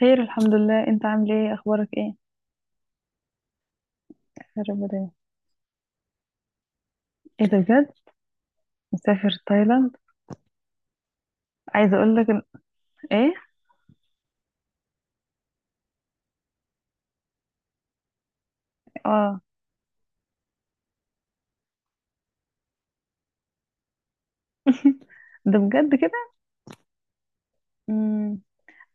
خير، الحمد لله. انت عامل ايه؟ اخبارك ايه؟ يا رب دايما. ايه ده؟ بجد؟ مسافر تايلاند؟ عايزه اقول لك ان... ايه؟ اه. ده بجد كده؟ امم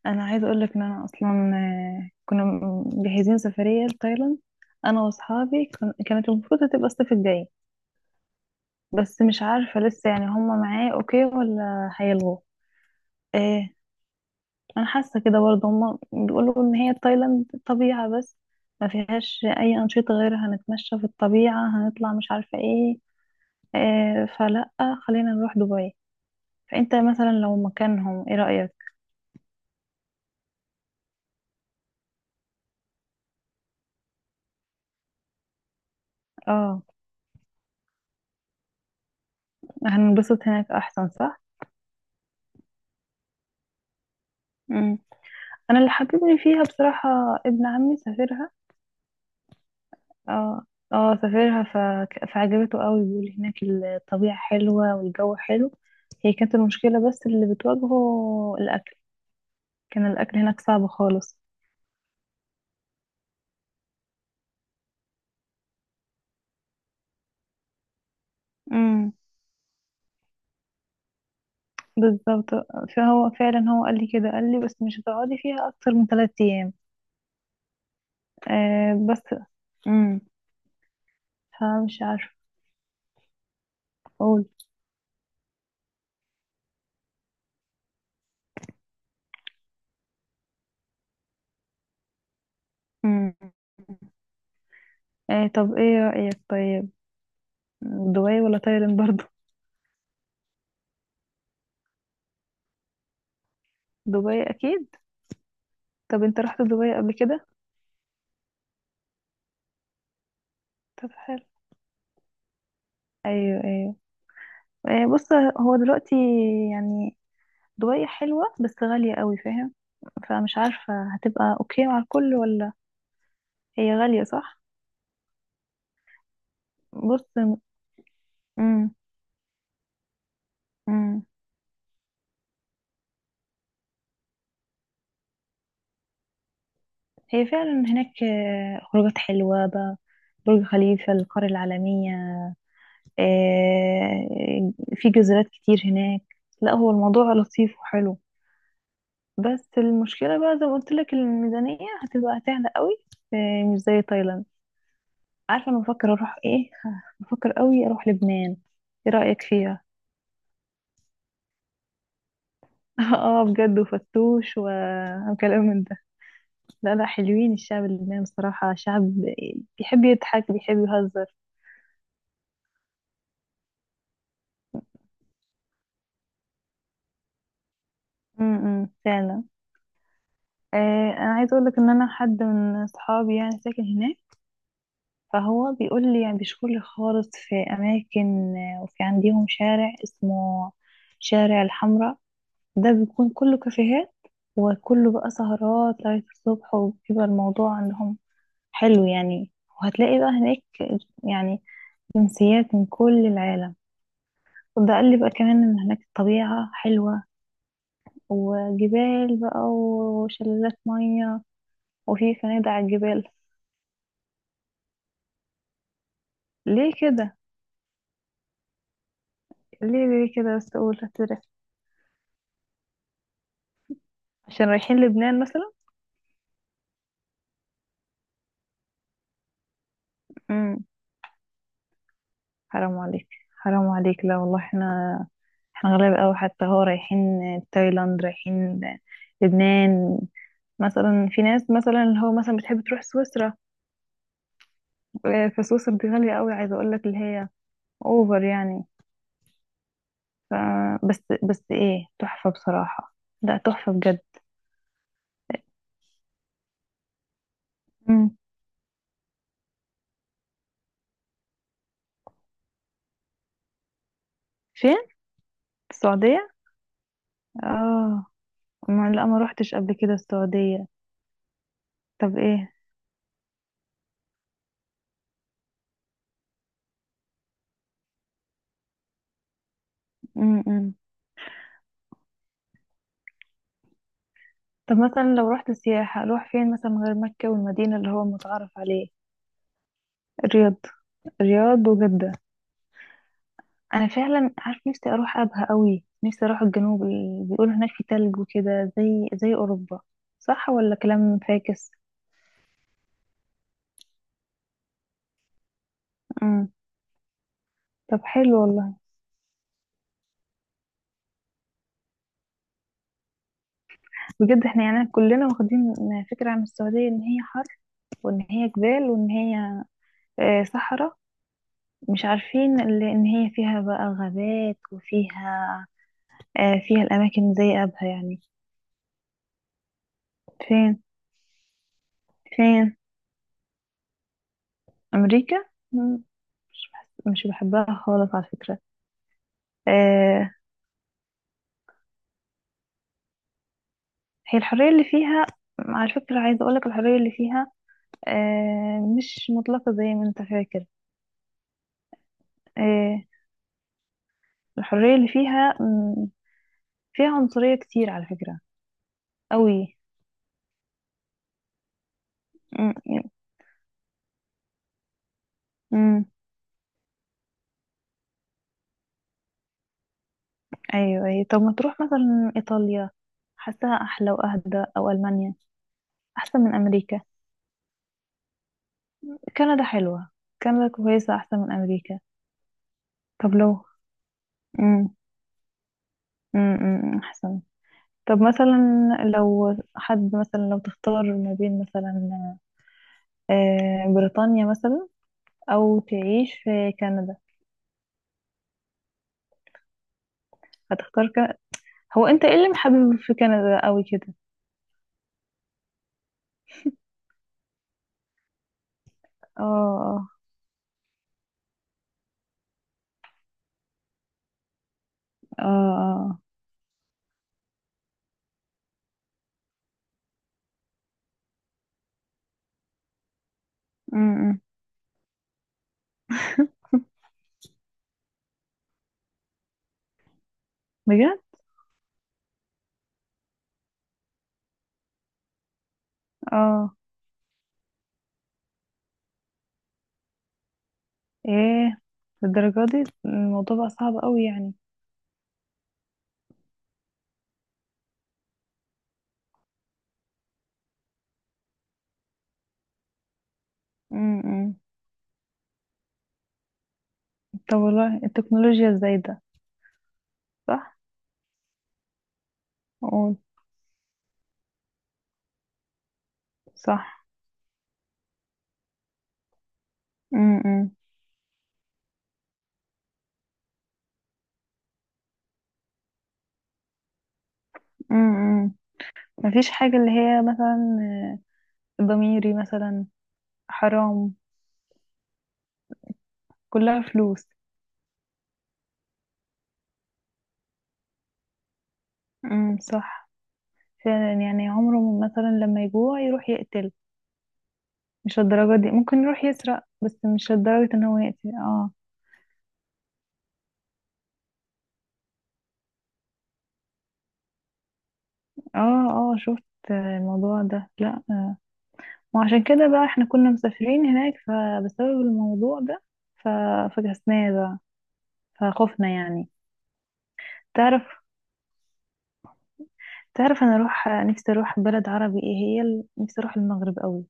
انا عايزه اقول لك ان انا اصلا كنا مجهزين سفريه لتايلاند. انا واصحابي كانت المفروض هتبقى الصيف الجاي. بس مش عارفه لسه يعني هم معايا اوكي ولا هيلغوا؟ انا حاسه كده برضه، هما بيقولوا ان هي تايلاند طبيعه بس، ما فيهاش اي انشطه، غير هنتمشى في الطبيعه، هنطلع، مش عارفه ايه. آه، فلا، خلينا نروح دبي. فانت مثلا لو مكانهم، ايه رايك؟ اه. هننبسط هناك احسن، صح؟ مم. انا اللي حببني فيها بصراحه، ابن عمي سافرها. اه. اه، سافرها. فعجبته قوي، بيقول هناك الطبيعه حلوه والجو حلو. هي كانت المشكله بس اللي بتواجهه الاكل، كان الاكل هناك صعب خالص. امم، بالظبط. فهو فعلا، هو قال لي كده، قال لي بس مش هتقعدي فيها اكتر من 3 ايام. آه، بس. امم. فمش عارفه اقول. امم. آه، طب ايه رايك؟ طيب، دبي ولا تايلاند برضو؟ دبي اكيد. طب انت رحت دبي قبل كده؟ طب حلو. ايوه، ايوه. آه، بص، هو دلوقتي يعني دبي حلوه بس غاليه قوي، فاهم؟ فمش عارفه هتبقى اوكي مع الكل ولا. هي غاليه، صح؟ بص. امم. هي فعلا هناك خروجات حلوة بقى، برج خليفة، القرية العالمية، آه، في جزيرات كتير هناك. لا هو الموضوع لطيف وحلو، بس المشكلة بقى زي ما قلت لك الميزانية هتبقى سهلة قوي، مش زي تايلاند. عارفة أنا بفكر أروح إيه؟ بفكر قوي أروح لبنان، إيه رأيك فيها؟ اه، بجد، وفتوش وكلام من ده. لا، لا، حلوين، الشعب اللبناني بصراحة شعب بيحب يضحك، بيحب يهزر. امم، فعلا. آه، انا عايزه اقول لك ان انا حد من صحابي يعني ساكن هناك. فهو بيقول لي يعني بيشكر خالص في اماكن، وفي عندهم شارع اسمه شارع الحمراء، ده بيكون كله كافيهات، وكله بقى سهرات لغايه الصبح، وبيبقى الموضوع عندهم حلو يعني. وهتلاقي بقى هناك يعني جنسيات من كل العالم. وده قال لي بقى كمان ان هناك الطبيعه حلوه، وجبال بقى وشلالات ميه، وفي فنادق على الجبال. ليه كده؟ ليه كده بس، اقول هتدرس. عشان رايحين لبنان مثلا. امم. حرام عليك، حرام عليك، لا والله، احنا غلابة قوي، حتى هو رايحين تايلاند، رايحين لبنان، مثلا في ناس مثلا اللي هو مثلا بتحب تروح سويسرا. فسويسرا دي غالية قوي، عايزة اقول لك اللي هي اوفر يعني. ف بس ايه تحفة بصراحة، لا تحفة بجد. امم. فين؟ السعودية؟ اه، ما لا، ما روحتش قبل كده السعودية. طب ايه؟ امم. طب مثلا لو رحت سياحة، اروح فين مثلا غير مكة والمدينة اللي هو متعارف عليه؟ الرياض الرياض، وجدة. انا فعلا عارف نفسي اروح ابها قوي، نفسي اروح الجنوب، بيقولوا هناك في تلج وكده زي اوروبا. صح ولا كلام فاكس؟ امم. طب حلو والله. بجد احنا يعني كلنا واخدين فكرة عن السعودية ان هي حر، وان هي جبال، وان هي صحراء. مش عارفين ان هي فيها بقى غابات، وفيها آه، فيها الاماكن زي ابها يعني. فين؟ فين؟ أمريكا؟ مم. مش بحبها خالص على فكرة. آه. هي الحرية اللي فيها، على فكرة عايزة أقولك الحرية اللي فيها مش مطلقة زي ما أنت فاكر. آه. الحرية اللي فيها فيها عنصرية كتير على فكرة. أوي. مم، مم، أيوة، أيوة، طب ما تروح مثلا إيطاليا، حاساها أحلى وأهدى، أو ألمانيا؟ أحسن من أمريكا. كندا حلوة، كندا كويسة أحسن من أمريكا. طب لو. مم، مم، مم، أحسن. طب مثلا لو حد مثلا لو تختار ما بين مثلا بريطانيا مثلا، أو تعيش في كندا؟ هتختار كندا؟ هو أنت إيه اللي محبب في كندا أوي كده؟ اه. اه، اه، آه. م- م. بجد؟ اه، ايه؟ للدرجة دي الموضوع بقى صعب أوي يعني؟ م- م. طب والله التكنولوجيا الزايدة. صح. قول. صح. امم، امم. مفيش حاجة اللي هي مثلا، ضميري مثلا، حرام. كلها فلوس. امم، صح. فعلا يعني عمره ما مثلا لما يجوع يروح يقتل. مش الدرجة دي، ممكن يروح يسرق بس مش لدرجة ان هو يقتل، اه. اه، اه، شفت الموضوع ده. لا، آه. وعشان كده بقى احنا كنا مسافرين هناك فبسبب الموضوع ده ف- فكسناه بقى، فخفنا يعني. تعرف، تعرف انا اروح نفسي اروح بلد عربي، ايه هي نفسي اروح المغرب قوي.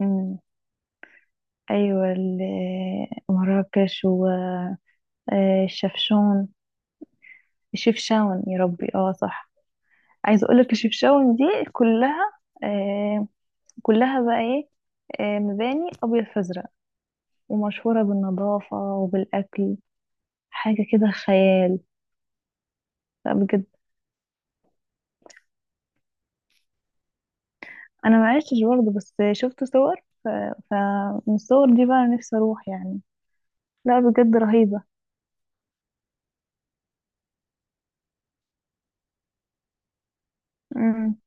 امم. ايوه، مراكش والشفشون. الشفشاون، يا ربي، اه، صح. عايزه اقول لك الشفشاون دي كلها آه كلها بقى ايه، مباني ابيض فازرق، ومشهوره بالنظافه وبالاكل. حاجه كده خيال. لا، بجد. انا ما عشتش برضه بس شفت صور، ف... فمن الصور دي بقى نفسي اروح يعني. لا، بجد رهيبه. امم.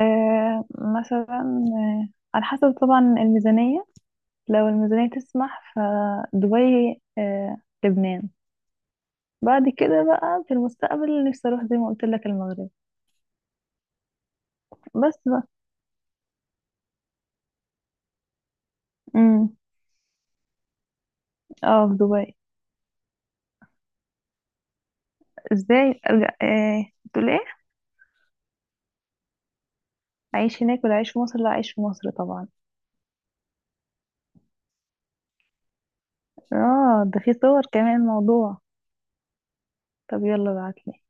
آه، مثلا. آه، على حسب طبعا الميزانيه، لو الميزانيه تسمح فدبي. لبنان. بعد كده بقى في المستقبل نفسي اروح زي ما قلت لك المغرب. بس بقى. امم. اه، في دبي. ازاي ارجع؟ ايه تقول؟ ايه؟ اعيش هناك ولا اعيش في مصر؟ لا، اعيش في مصر طبعا. اه، ده في صور كمان الموضوع؟ طب يلا ابعتلي.